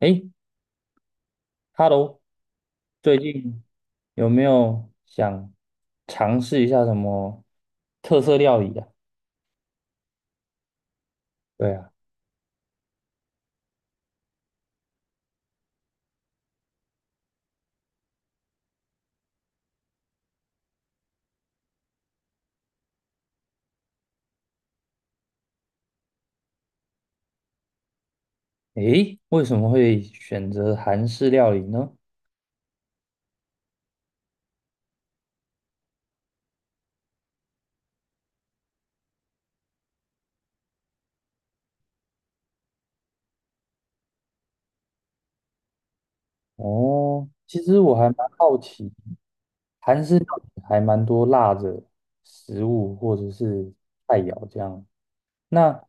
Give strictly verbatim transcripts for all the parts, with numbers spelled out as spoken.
诶， h e l l o 最近有没有想尝试一下什么特色料理啊？对啊。诶，为什么会选择韩式料理呢？哦，其实我还蛮好奇，韩式料理还蛮多辣的食物或者是菜肴这样。那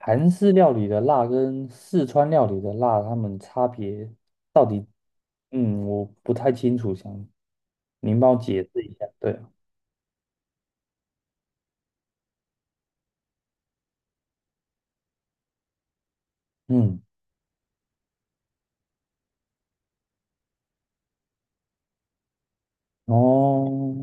韩式料理的辣跟四川料理的辣，它们差别到底？嗯，我不太清楚，想您帮我解释一下。对。嗯。哦。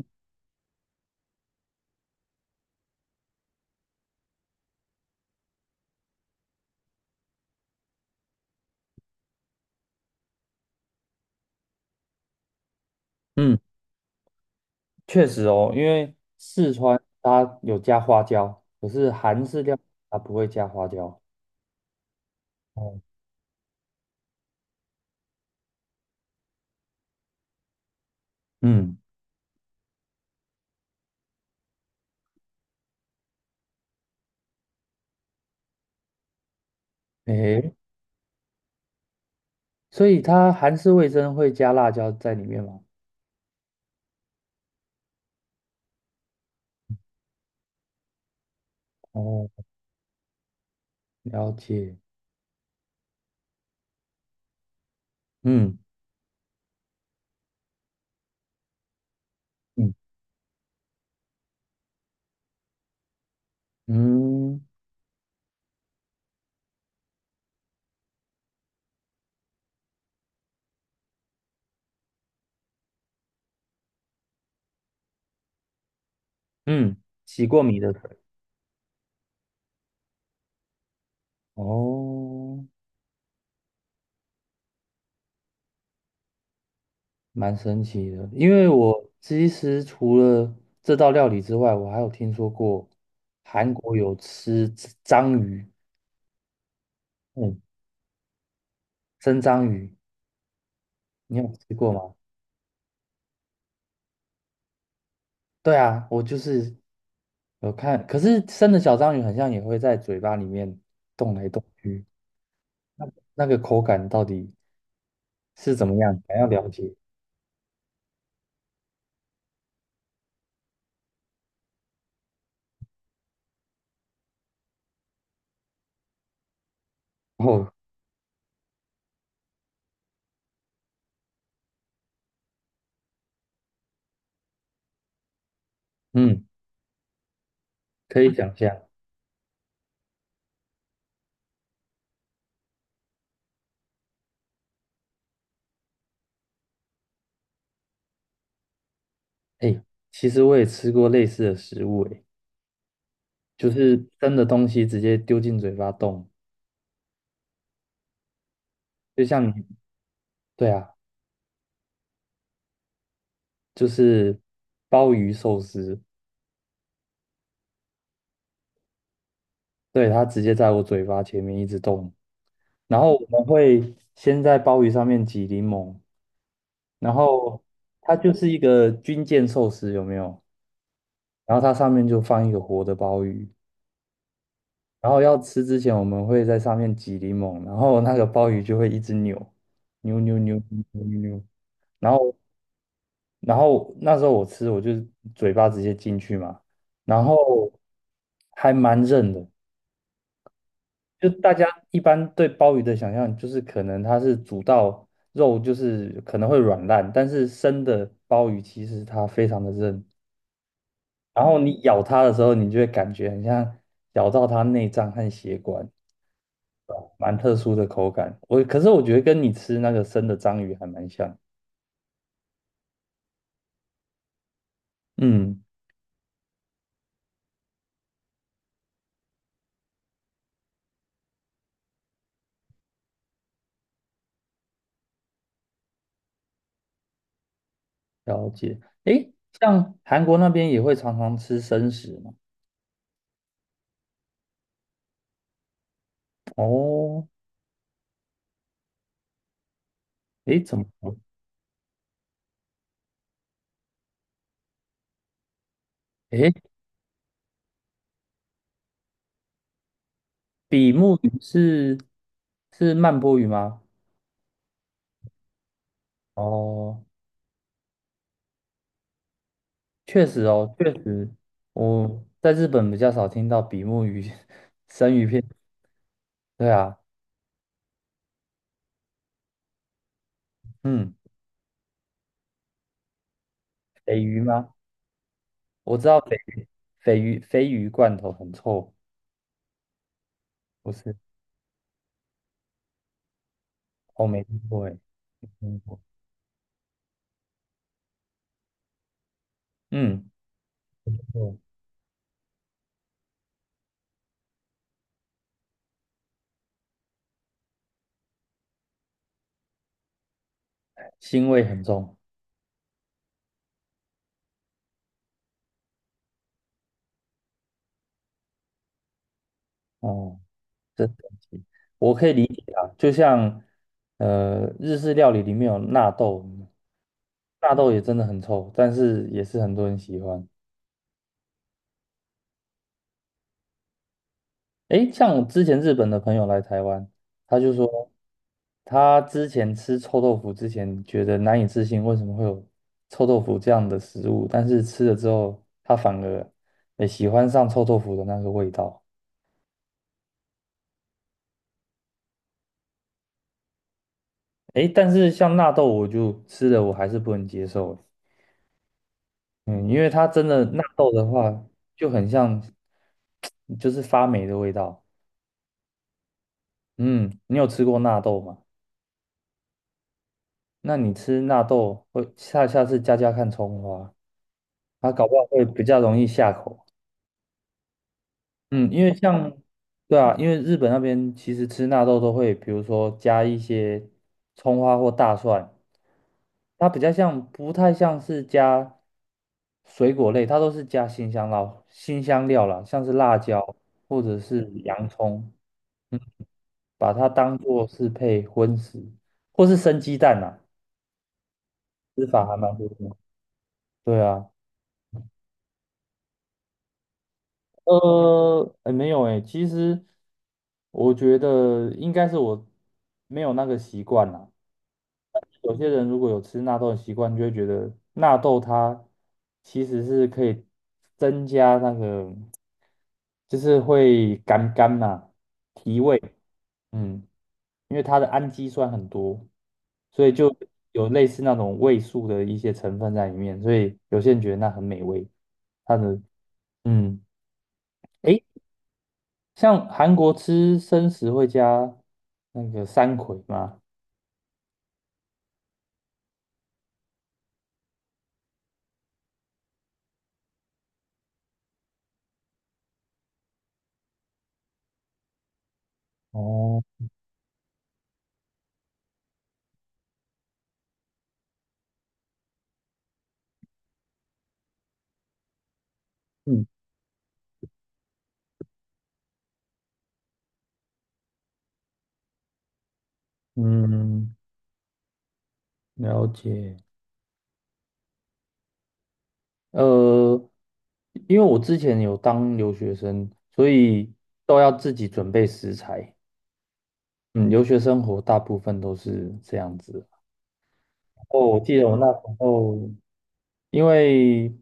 嗯。确实哦，因为四川它有加花椒，可是韩式料理它不会加花椒。哦。嗯。诶，所以它韩式味噌会加辣椒在里面吗？哦。了解。嗯嗯嗯嗯，洗过米的水。哦。蛮神奇的，因为我其实除了这道料理之外，我还有听说过韩国有吃章鱼。嗯，生章鱼，你有吃过吗？对啊，我就是有看，可是生的小章鱼好像也会在嘴巴里面动来动去。那那个口感到底是怎么样？想要了解。哦。嗯。可以想象。哎，其实我也吃过类似的食物。哎，就是生的东西直接丢进嘴巴动，就像你，对啊，就是鲍鱼寿司。对，它直接在我嘴巴前面一直动。然后我们会先在鲍鱼上面挤柠檬，然后它就是一个军舰寿司，有没有？然后它上面就放一个活的鲍鱼，然后要吃之前我们会在上面挤柠檬，然后那个鲍鱼就会一直扭，扭扭扭扭扭扭，然后然后那时候我吃我就嘴巴直接进去嘛。然后还蛮韧的，就大家一般对鲍鱼的想象就是可能它是煮到肉就是可能会软烂，但是生的鲍鱼其实它非常的韧。然后你咬它的时候，你就会感觉很像咬到它内脏和血管，蛮特殊的口感。我可是我觉得跟你吃那个生的章鱼还蛮像。嗯。了解。诶，像韩国那边也会常常吃生食吗？哦。诶，怎么说？诶，比目鱼是是曼波鱼吗？哦。确实哦，确实。我在日本比较少听到比目鱼 生鱼片。对啊。嗯。鲱鱼吗？我知道鲱鱼鲱鱼鲱鱼罐头很臭。不是？我没听过哎。没听过。嗯。嗯，腥味很重。哦。真神奇，我可以理解啊。就像呃，日式料理里面有纳豆，纳豆也真的很臭，但是也是很多人喜欢。诶，像之前日本的朋友来台湾，他就说他之前吃臭豆腐之前觉得难以置信，为什么会有臭豆腐这样的食物？但是吃了之后，他反而也喜欢上臭豆腐的那个味道。诶，但是像纳豆，我就吃了我还是不能接受。嗯，因为它真的纳豆的话，就很像就是发霉的味道。嗯，你有吃过纳豆吗？那你吃纳豆会下下次加加看葱花。它搞不好会比较容易下口。嗯，因为像，对啊，因为日本那边其实吃纳豆都会，比如说加一些葱花或大蒜，它比较像，不太像是加水果类，它都是加新香料、新香料啦，像是辣椒或者是洋葱。嗯，把它当做是配荤食，或是生鸡蛋呐、吃法还蛮多的。对啊。呃，哎，没有哎，其实我觉得应该是我没有那个习惯啦。有些人如果有吃纳豆的习惯，就会觉得纳豆它其实是可以增加那个，就是会干干嘛提味。嗯。因为它的氨基酸很多，所以就有类似那种味素的一些成分在里面，所以有些人觉得那很美味，它的嗯。诶。像韩国吃生食会加那个山葵吗？哦。嗯。嗯。了解。呃，因为我之前有当留学生，所以都要自己准备食材。嗯，留学生活大部分都是这样子。哦，我记得我那时候，因为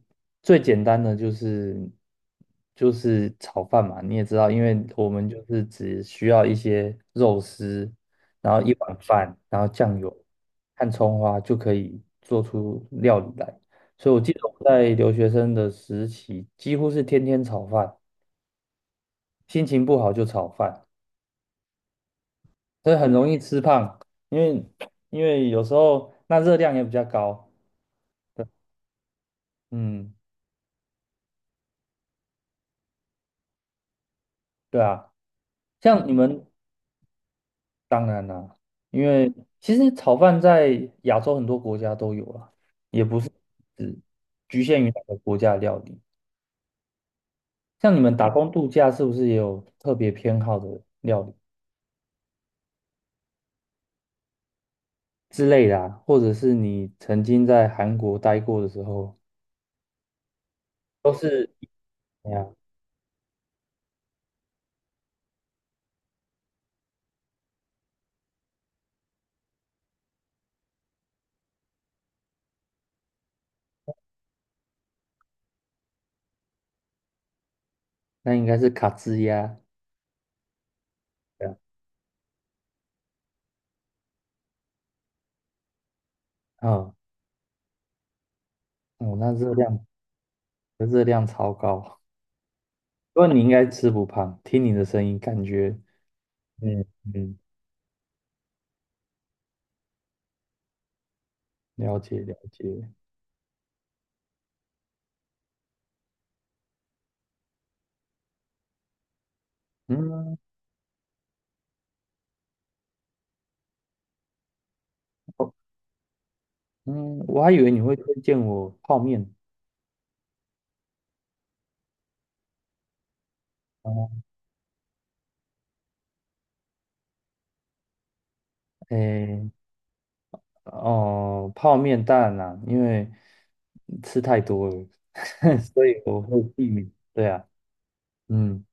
最简单的就是就是炒饭嘛，你也知道，因为我们就是只需要一些肉丝，然后一碗饭，然后酱油和葱花就可以做出料理来。所以我记得我在留学生的时期，几乎是天天炒饭，心情不好就炒饭，所以很容易吃胖，因为因为有时候那热量也比较高。对。嗯。对啊。像你们当然啦、因为其实炒饭在亚洲很多国家都有啊，也不是只局限于哪个国家的料理。像你们打工度假是不是也有特别偏好的料理之类的啊？或者是你曾经在韩国待过的时候，都是哎呀，那应该是卡兹呀，对啊。嗯。哦，那热量热量超高，不过你应该吃不胖，听你的声音感觉。嗯。嗯。了解了解。嗯。OK。嗯，我还以为你会推荐我泡面。哦。诶。哦，泡面当然啦，因为吃太多了，所以我会避免。对啊。嗯。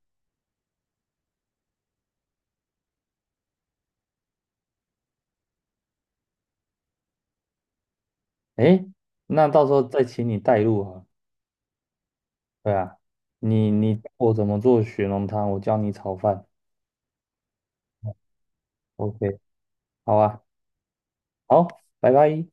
诶，那到时候再请你带路啊。对啊，你你教我怎么做雪浓汤，我教你炒饭。OK。好啊。好，拜拜。